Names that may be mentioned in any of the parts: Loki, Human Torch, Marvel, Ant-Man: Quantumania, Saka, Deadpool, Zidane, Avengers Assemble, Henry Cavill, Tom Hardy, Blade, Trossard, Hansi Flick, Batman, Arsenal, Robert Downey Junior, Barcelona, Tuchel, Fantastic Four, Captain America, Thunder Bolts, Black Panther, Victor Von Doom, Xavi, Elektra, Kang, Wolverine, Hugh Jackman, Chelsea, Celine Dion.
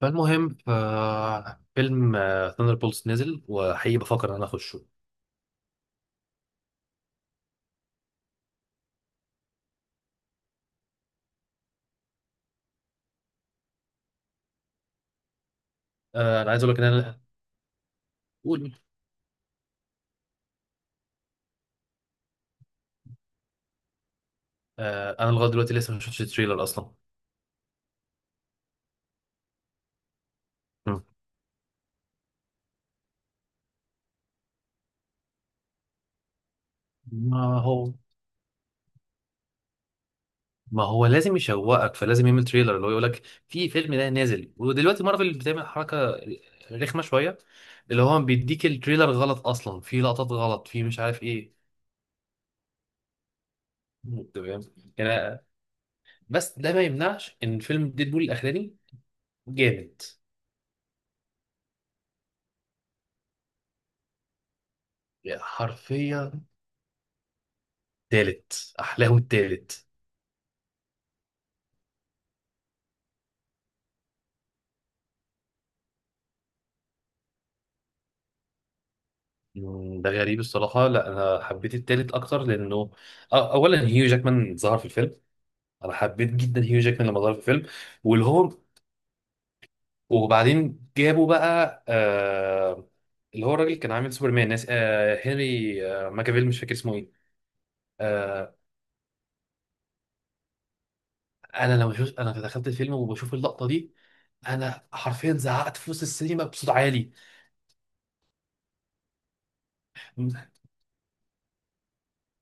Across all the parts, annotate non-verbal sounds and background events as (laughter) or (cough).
فالمهم ففيلم ثاندر بولز نزل وحقيقي بفكر ان انا اخشه. انا عايز اقول لك ان انا قول. انا لغايه دلوقتي لسه ما شفتش التريلر اصلا. مم. ما هو ما هو لازم يشوقك، فلازم يعمل تريلر اللي هو يقول لك في فيلم ده نازل، ودلوقتي مارفل بتعمل حركه رخمه شويه، اللي هو بيديك التريلر غلط اصلا، في لقطات غلط، في مش عارف ايه. مم، تمام. يعني بس ده ما يمنعش ان فيلم ديدبول الاخراني جامد حرفيا. تالت احلاهم التالت. مم، ده غريب الصراحه. لا انا حبيت التالت اكتر لانه اولا هيو جاكمان ظهر في الفيلم. انا حبيت جدا هيو جاكمان لما ظهر في الفيلم. واللي هو وبعدين جابوا بقى اللي هو الراجل اللي كان عامل سوبرمان ناس، هنري ماكافيل، مش فاكر اسمه ايه. آه انا لما شفت، انا دخلت الفيلم وبشوف اللقطه دي، انا حرفيا زعقت في وسط السينما بصوت عالي.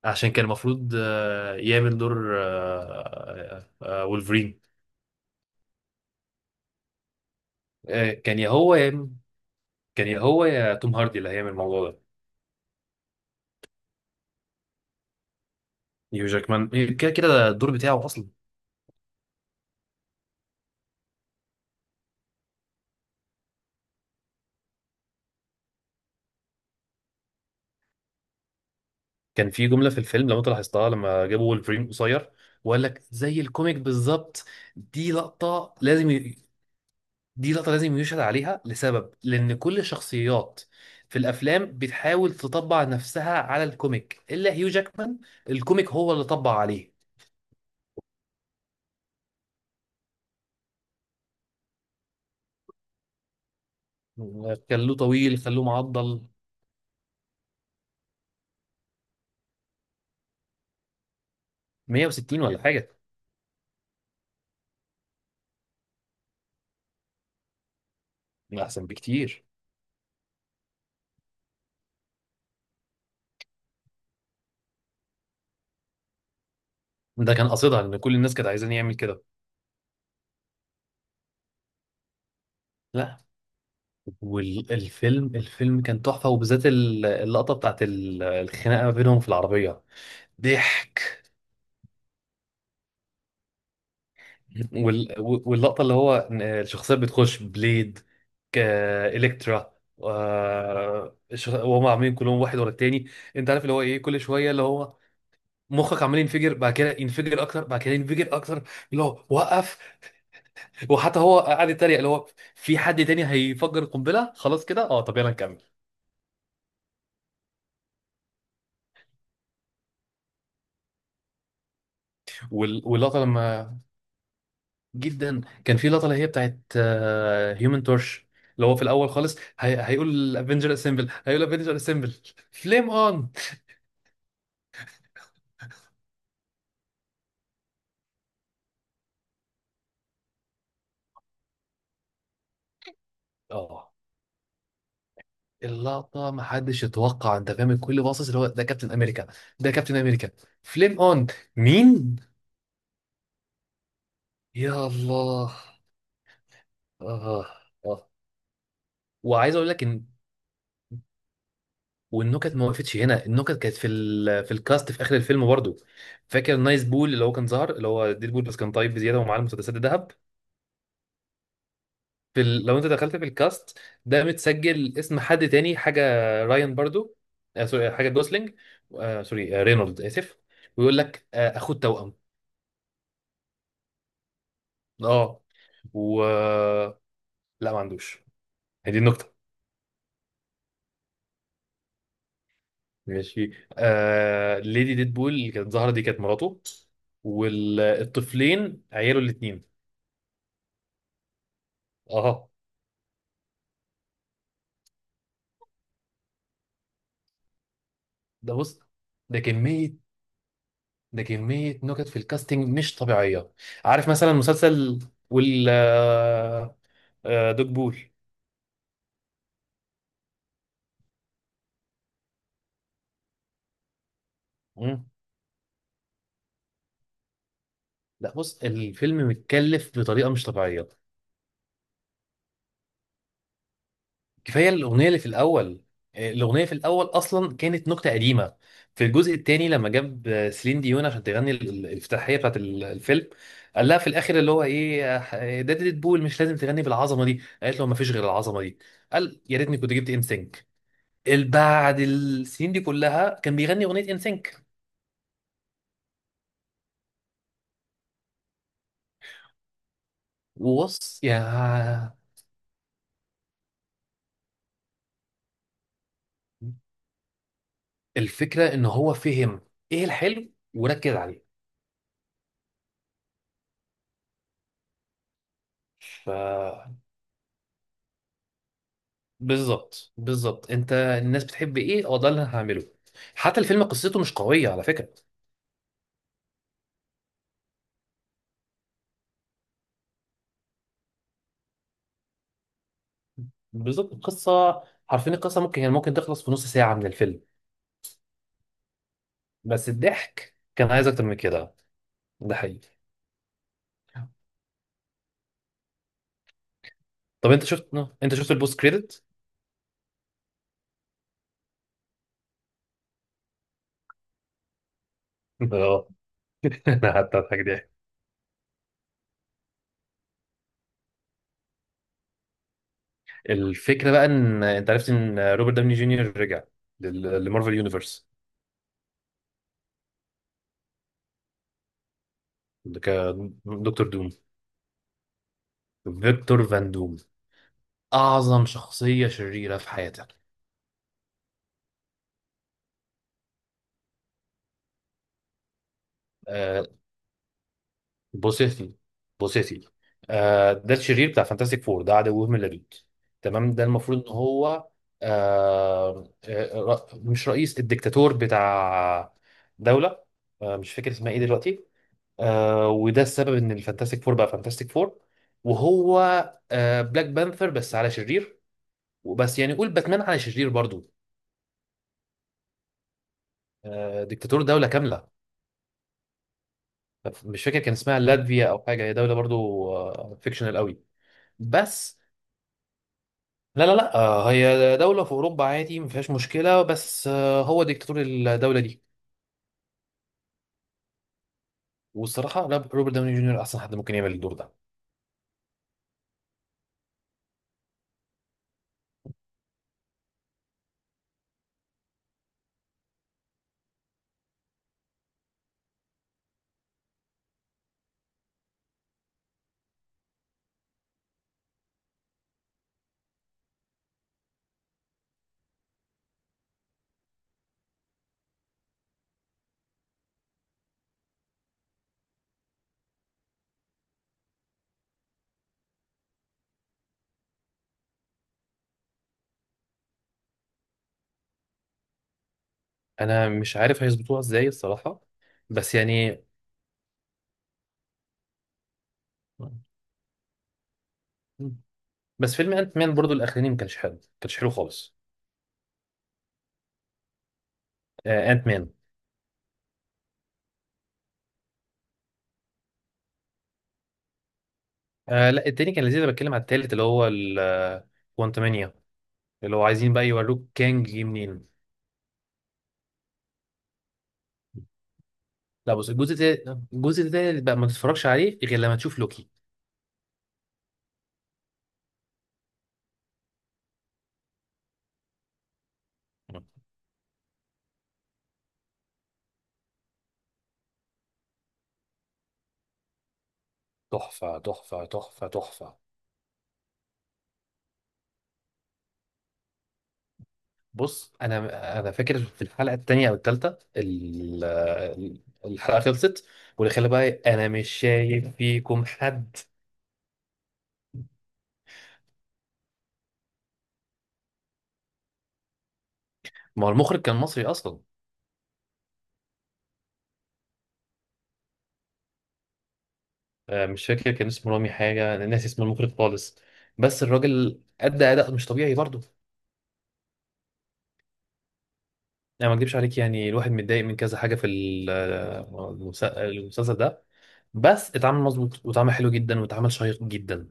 عشان كان المفروض يعمل دور وولفرين. آه، كان يا هو يا كان يا هو يا توم هاردي اللي هيعمل الموضوع ده. نيو جاكمان، كده كده ده الدور بتاعه اصلا. كان في جمله في الفيلم لو انت لاحظتها، لما جابوا وولفرين قصير وقال لك زي الكوميك بالظبط. دي لقطه لازم ي... دي لقطه لازم يشهد عليها، لسبب، لان كل الشخصيات في الافلام بتحاول تطبع نفسها على الكوميك الا هيو جاكمان. الكوميك هو اللي طبع عليه. خلوه طويل، خلوه معضل. 160 ولا حاجه. احسن بكتير. ده كان قصدها، لان كل الناس كانت عايزين يعمل كده. لا. والفيلم، كان تحفه، وبالذات اللقطه بتاعت الخناقه ما بينهم في العربيه. ضحك. (laughs) واللقطه اللي هو إن الشخصيات بتخش بليد كالكترا، وهم عاملين كلهم واحد ورا التاني. انت عارف اللي هو ايه، كل شويه اللي هو مخك عمال ينفجر، بعد كده ينفجر اكتر، بعد كده ينفجر اكتر، اللي هو وقف. وحتى هو قاعد يتريق، اللي هو في حد تاني هيفجر القنبله، خلاص كده. اه، طب يلا نكمل. واللقطه لما جدا كان في لقطه اللي هي بتاعت هيومن تورش، اللي هو في الاول خالص هيقول افنجر اسمبل، هيقول افنجر اسمبل، فليم اون. اه، اللقطه ما حدش يتوقع، انت فاهم، الكل باصص اللي هو ده كابتن امريكا، ده كابتن امريكا. فليم اون. مين؟ يا الله. اه. اه. وعايز اقول لك ان والنكت ما وقفتش هنا، النكت كانت في الكاست في اخر الفيلم برضه. فاكر نايس بول اللي هو كان ظهر، اللي هو ديد بول بس كان طيب بزياده، ومعاه المسدسات الذهب. لو انت دخلت في الكاست، ده متسجل اسم حد تاني حاجه. راين برضو، سوري حاجه جوسلينج، سوري، رينولد اسف. ويقول لك اخوه التوأم. اه. و، لا ما عندوش، هي دي النكته. ماشي. ليدي ديدبول اللي كانت ظاهره دي كانت مراته. والطفلين عياله الاثنين. اه. ده بص، ده كميه ده كميه نكت في الكاستنج مش طبيعيه. عارف مثلا مسلسل وال دوج بول. لا بص، الفيلم متكلف بطريقه مش طبيعيه. كفايه الاغنيه اللي في الاول. الاغنيه في الاول اصلا كانت نكته قديمه في الجزء الثاني، لما جاب سيلين ديون عشان تغني الافتتاحيه بتاعت الفيلم. قال لها في الاخر اللي هو ايه، ده ديد بول مش لازم تغني بالعظمه دي. قالت له ما فيش غير العظمه دي. قال يا ريتني كنت جبت ان سينك، بعد السنين دي كلها كان بيغني اغنيه ان سينك. وبص يا، الفكره ان هو فهم ايه الحلو وركز عليه. بالظبط، بالظبط، انت الناس بتحب ايه، هو ده اللي انا هعمله. حتى الفيلم قصته مش قويه على فكره. بالظبط القصه، حرفيا القصه ممكن يعني ممكن تخلص في نص ساعه من الفيلم. بس الضحك كان عايز اكتر من كده. ده حقيقي. طب انت شفت البوست كريدت؟ اه. (laughs) انا قعدت اضحك ضحك. الفكره بقى ان انت عرفت ان روبرت داوني جونيور رجع لمارفل يونيفرس كدكتور دوم. فيكتور فان دوم، اعظم شخصيه شريره في حياتك. آه، بص يا سيدي، بص يا سيدي. ده الشرير بتاع فانتاستيك فور، ده عدو من اللدود تمام. ده المفروض ان هو آه آه، مش رئيس، الدكتاتور بتاع دولة، مش فاكر اسمها ايه دلوقتي. وده السبب ان الفانتاستيك فور بقى فانتاستيك فور. وهو بلاك بانثر بس على شرير، وبس يعني قول باتمان على شرير برضو. دكتاتور دولة كاملة. مش فاكر كان اسمها لاتفيا او حاجة، هي دولة برضو فيكشنال قوي. بس، لا لا لا، هي دولة في أوروبا عادي ما فيهاش مشكلة، بس هو ديكتاتور الدولة دي. والصراحة لا، روبرت داوني جونيور أحسن حد ممكن يعمل الدور ده. أنا مش عارف هيظبطوها إزاي الصراحة. بس يعني، بس فيلم أنت مان برضو الأخراني ما كانش حلو، ما كانش حلو خالص. أنت مان. آه لا، التاني كان لذيذ. أنا بتكلم على التالت اللي هو كوانتمانيا، اللي هو عايزين بقى يوروك كانج جه منين. لا بص، الجزء ده بقى ما تتفرجش عليه غير لما تشوف لوكي. تحفة تحفة تحفة تحفة. بص انا فاكر في الحلقه الثانيه او الثالثه الحلقه خلصت، واللي خلى بقى انا مش شايف فيكم حد. ما هو المخرج كان مصري اصلا. مش فاكر كان اسمه رامي حاجه، انا ناسي اسم المخرج خالص. بس الراجل ادى اداء مش طبيعي برضه. انا ما اكدبش عليك، يعني الواحد متضايق من كذا حاجه في المسلسل ده، بس اتعمل مظبوط، واتعمل حلو جدا، واتعمل شيق جدا.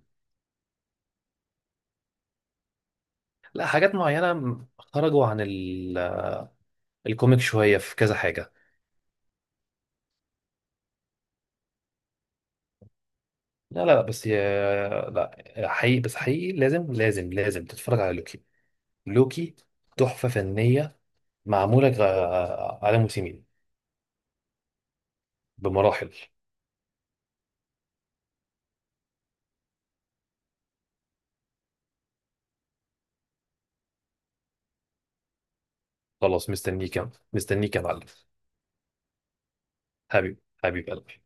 لا، حاجات معينه خرجوا عن الكوميك شويه في كذا حاجه. لا لا بس يا لا حقيقي، بس حقيقي لازم لازم لازم تتفرج على لوكي. لوكي تحفة فنية، معمولة على موسمين. بمراحل. خلاص مستنيك يا معلم. حبيب حبيب قلبي.